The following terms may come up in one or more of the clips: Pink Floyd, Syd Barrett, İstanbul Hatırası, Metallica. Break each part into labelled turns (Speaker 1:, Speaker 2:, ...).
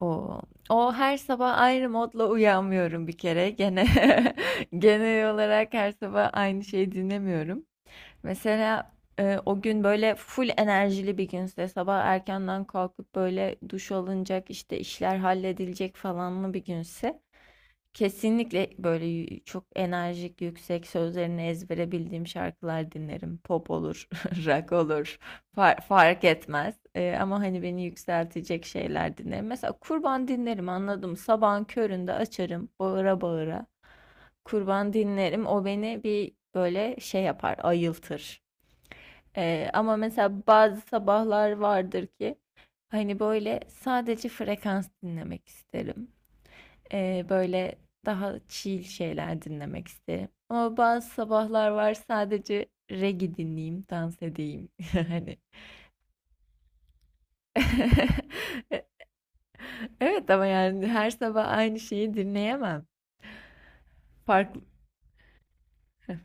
Speaker 1: O, o her sabah ayrı modla uyanmıyorum bir kere. Gene genel olarak her sabah aynı şeyi dinlemiyorum. Mesela o gün böyle full enerjili bir günse sabah erkenden kalkıp böyle duş alınacak işte işler halledilecek falanlı bir günse kesinlikle böyle yü çok enerjik, yüksek, sözlerini ezbere bildiğim şarkılar dinlerim. Pop olur, rock olur, far fark etmez. Ama, hani, beni yükseltecek şeyler dinlerim. Mesela Kurban dinlerim, anladım. Sabahın köründe açarım bağıra bağıra. Kurban dinlerim. O beni bir, böyle, şey yapar, ayıltır. Ama mesela bazı sabahlar vardır ki, hani, böyle, sadece frekans dinlemek isterim. Böyle daha chill şeyler dinlemek isterim. Ama bazı sabahlar var sadece reggae dinleyeyim, dans edeyim. Hani. Evet, ama yani her sabah aynı şeyi dinleyemem. Farklı. Heh.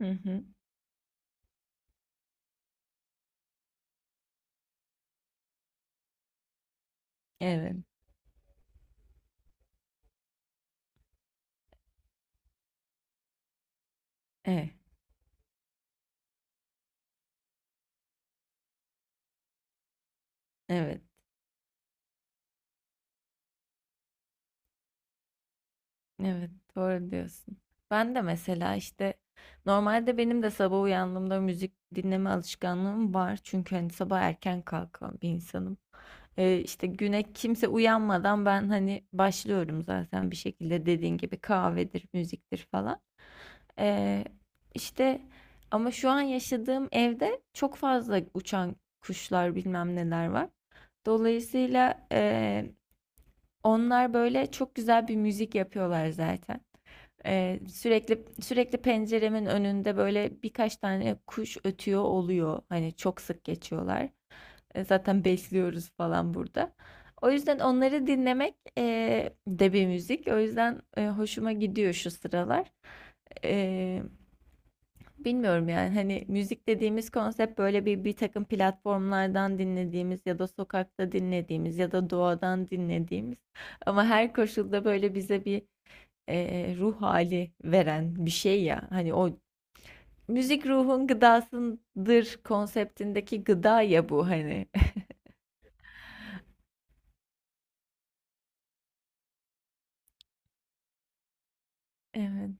Speaker 1: Hı hı. Evet. Evet. Evet. Evet, doğru diyorsun. Ben de mesela işte normalde benim de sabah uyandığımda müzik dinleme alışkanlığım var. Çünkü hani sabah erken kalkan bir insanım. İşte güne kimse uyanmadan ben hani başlıyorum zaten bir şekilde dediğin gibi kahvedir, müziktir falan. Ee, işte ama şu an yaşadığım evde çok fazla uçan kuşlar bilmem neler var. Dolayısıyla onlar böyle çok güzel bir müzik yapıyorlar zaten. Sürekli penceremin önünde böyle birkaç tane kuş ötüyor oluyor. Hani çok sık geçiyorlar. Zaten besliyoruz falan burada. O yüzden onları dinlemek de bir müzik. O yüzden hoşuma gidiyor şu sıralar. E, bilmiyorum yani hani müzik dediğimiz konsept böyle bir takım platformlardan dinlediğimiz ya da sokakta dinlediğimiz ya da doğadan dinlediğimiz ama her koşulda böyle bize bir ruh hali veren bir şey ya. Hani o müzik ruhun gıdasındır konseptindeki gıda ya bu hani. Evet.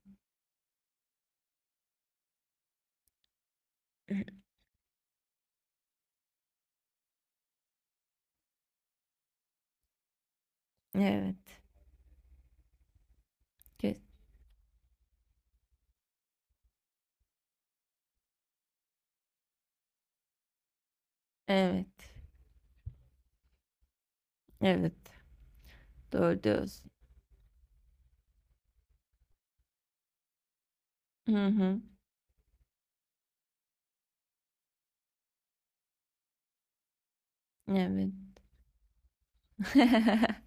Speaker 1: Evet. Kes- Evet. Evet. Doğru diyorsun. Hı hı. Evet.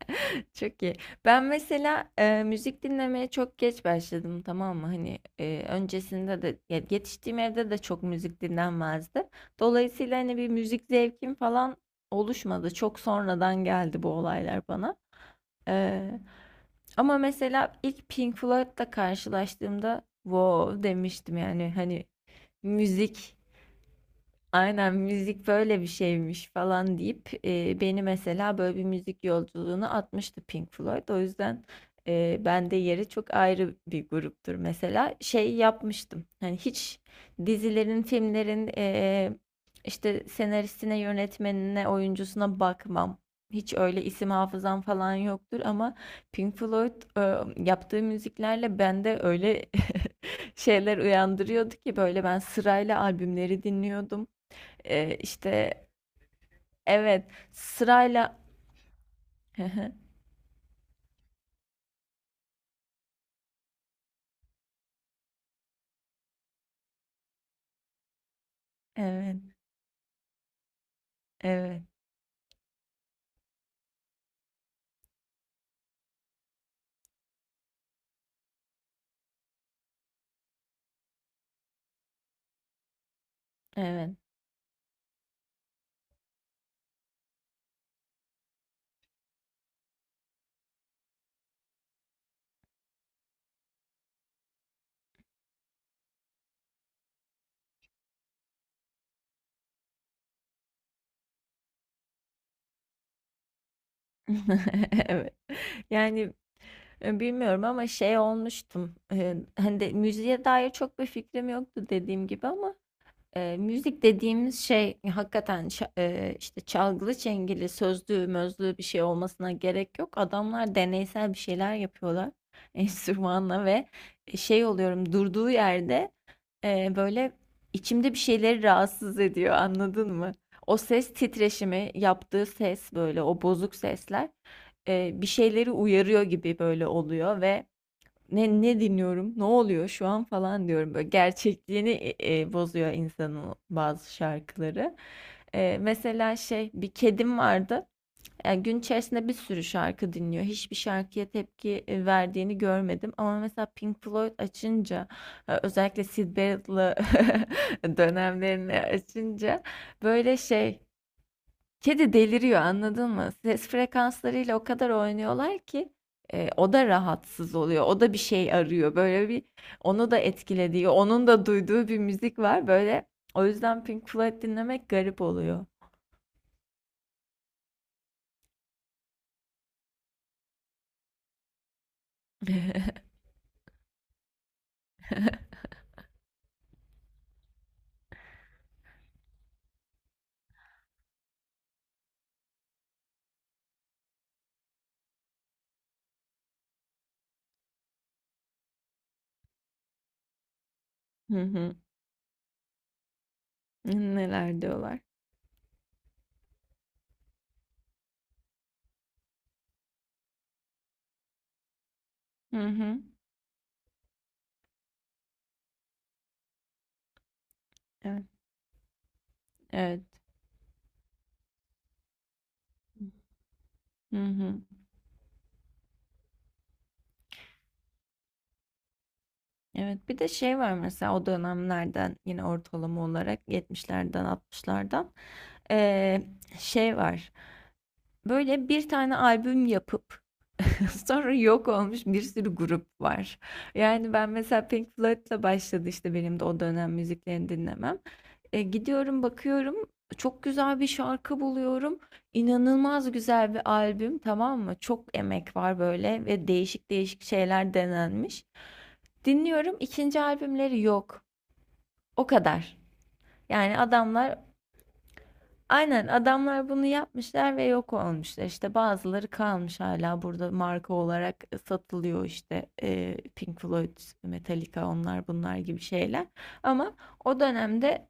Speaker 1: Çok iyi. Ben mesela müzik dinlemeye çok geç başladım, tamam mı? Hani öncesinde de ya yetiştiğim evde de çok müzik dinlenmezdi. Dolayısıyla hani bir müzik zevkim falan oluşmadı. Çok sonradan geldi bu olaylar bana. E, ama mesela ilk Pink Floyd'la karşılaştığımda wow demiştim, yani hani müzik aynen müzik böyle bir şeymiş falan deyip beni mesela böyle bir müzik yolculuğuna atmıştı Pink Floyd. O yüzden bende yeri çok ayrı bir gruptur. Mesela şey yapmıştım. Hani hiç dizilerin, filmlerin işte senaristine, yönetmenine, oyuncusuna bakmam. Hiç öyle isim hafızam falan yoktur ama Pink Floyd yaptığı müziklerle bende öyle şeyler uyandırıyordu ki böyle ben sırayla albümleri dinliyordum. İşte evet, sırayla Evet, evet, evet. Evet. Yani, bilmiyorum ama şey olmuştum, hani, de müziğe dair çok bir fikrim yoktu dediğim gibi ama, müzik dediğimiz şey hakikaten ça işte çalgılı çengeli, sözlü mözlü bir şey olmasına gerek yok. Adamlar deneysel bir şeyler yapıyorlar enstrümanla ve, şey oluyorum durduğu yerde. Böyle içimde bir şeyleri rahatsız ediyor, anladın mı? O ses titreşimi, yaptığı ses böyle o bozuk sesler bir şeyleri uyarıyor gibi böyle oluyor ve ne dinliyorum, ne oluyor şu an falan diyorum böyle gerçekliğini bozuyor insanın bazı şarkıları. Mesela şey bir kedim vardı. Yani gün içerisinde bir sürü şarkı dinliyor. Hiçbir şarkıya tepki verdiğini görmedim. Ama mesela Pink Floyd açınca, özellikle Sid Barrett'lı dönemlerini açınca böyle şey, kedi deliriyor, anladın mı? Ses frekanslarıyla o kadar oynuyorlar ki o da rahatsız oluyor. O da bir şey arıyor. Böyle bir onu da etkilediği, onun da duyduğu bir müzik var. Böyle o yüzden Pink Floyd dinlemek garip oluyor. Hı hı. Neler diyorlar. Hı hı. Evet. Evet. Hı hı. Evet. Bir de şey var mesela o dönemlerden yine ortalama olarak 70'lerden 60'lardan eee, şey var. Böyle bir tane albüm yapıp sonra yok olmuş bir sürü grup var. Yani ben mesela Pink Floyd'la başladı işte benim de o dönem müziklerini dinlemem. Gidiyorum, bakıyorum. Çok güzel bir şarkı buluyorum. İnanılmaz güzel bir albüm, tamam mı? Çok emek var böyle ve değişik şeyler denenmiş. Dinliyorum. İkinci albümleri yok. O kadar. Yani adamlar aynen adamlar bunu yapmışlar ve yok olmuşlar. İşte bazıları kalmış hala burada marka olarak satılıyor işte Pink Floyd, Metallica onlar bunlar gibi şeyler. Ama o dönemde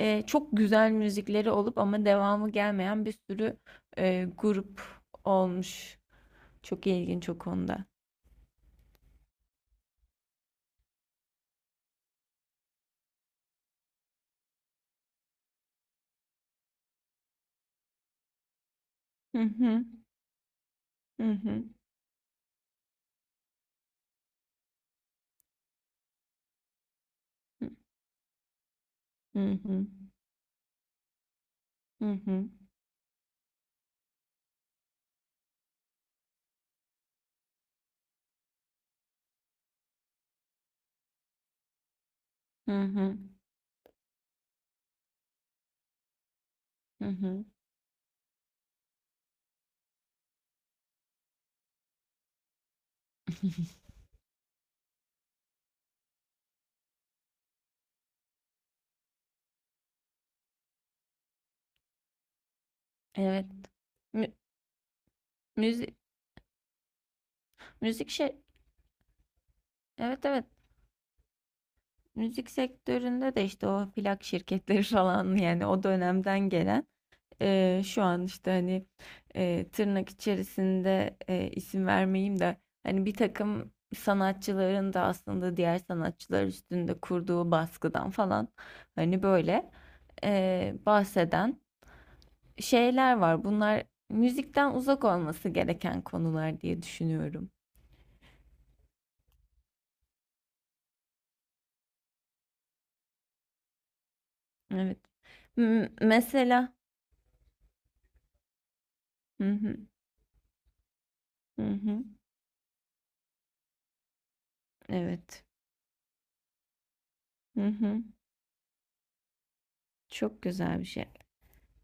Speaker 1: çok güzel müzikleri olup ama devamı gelmeyen bir sürü grup olmuş. Çok ilginç o konuda. Hı hı. Hı hı. Hı hı. Hı hı. Hı hı. Hı hı. Evet. Mü- müzik müzik şey evet, evet, müzik sektöründe de işte o plak şirketleri falan yani o dönemden gelen şu an işte hani tırnak içerisinde isim vermeyeyim de hani bir takım sanatçıların da aslında diğer sanatçılar üstünde kurduğu baskıdan falan hani böyle bahseden şeyler var. Bunlar müzikten uzak olması gereken konular diye düşünüyorum. Evet. M- mesela. Hı hı. Hı hı. Evet. Hı hı. Çok güzel bir şey.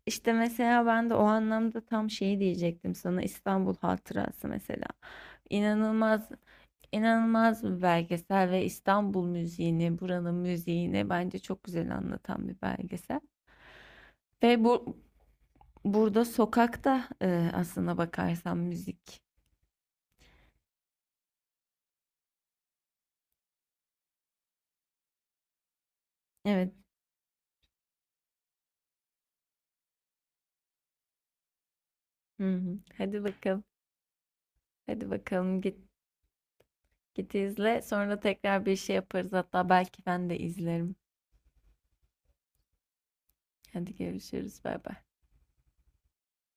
Speaker 1: İşte mesela ben de o anlamda tam şeyi diyecektim sana, İstanbul Hatırası mesela. İnanılmaz inanılmaz bir belgesel ve İstanbul müziğini, buranın müziğini bence çok güzel anlatan bir belgesel. Ve bu burada sokakta aslına bakarsan müzik. Evet. Hı hı. Hadi bakalım. Hadi bakalım git izle. Sonra tekrar bir şey yaparız. Hatta belki ben de izlerim. Hadi görüşürüz. Bay bay.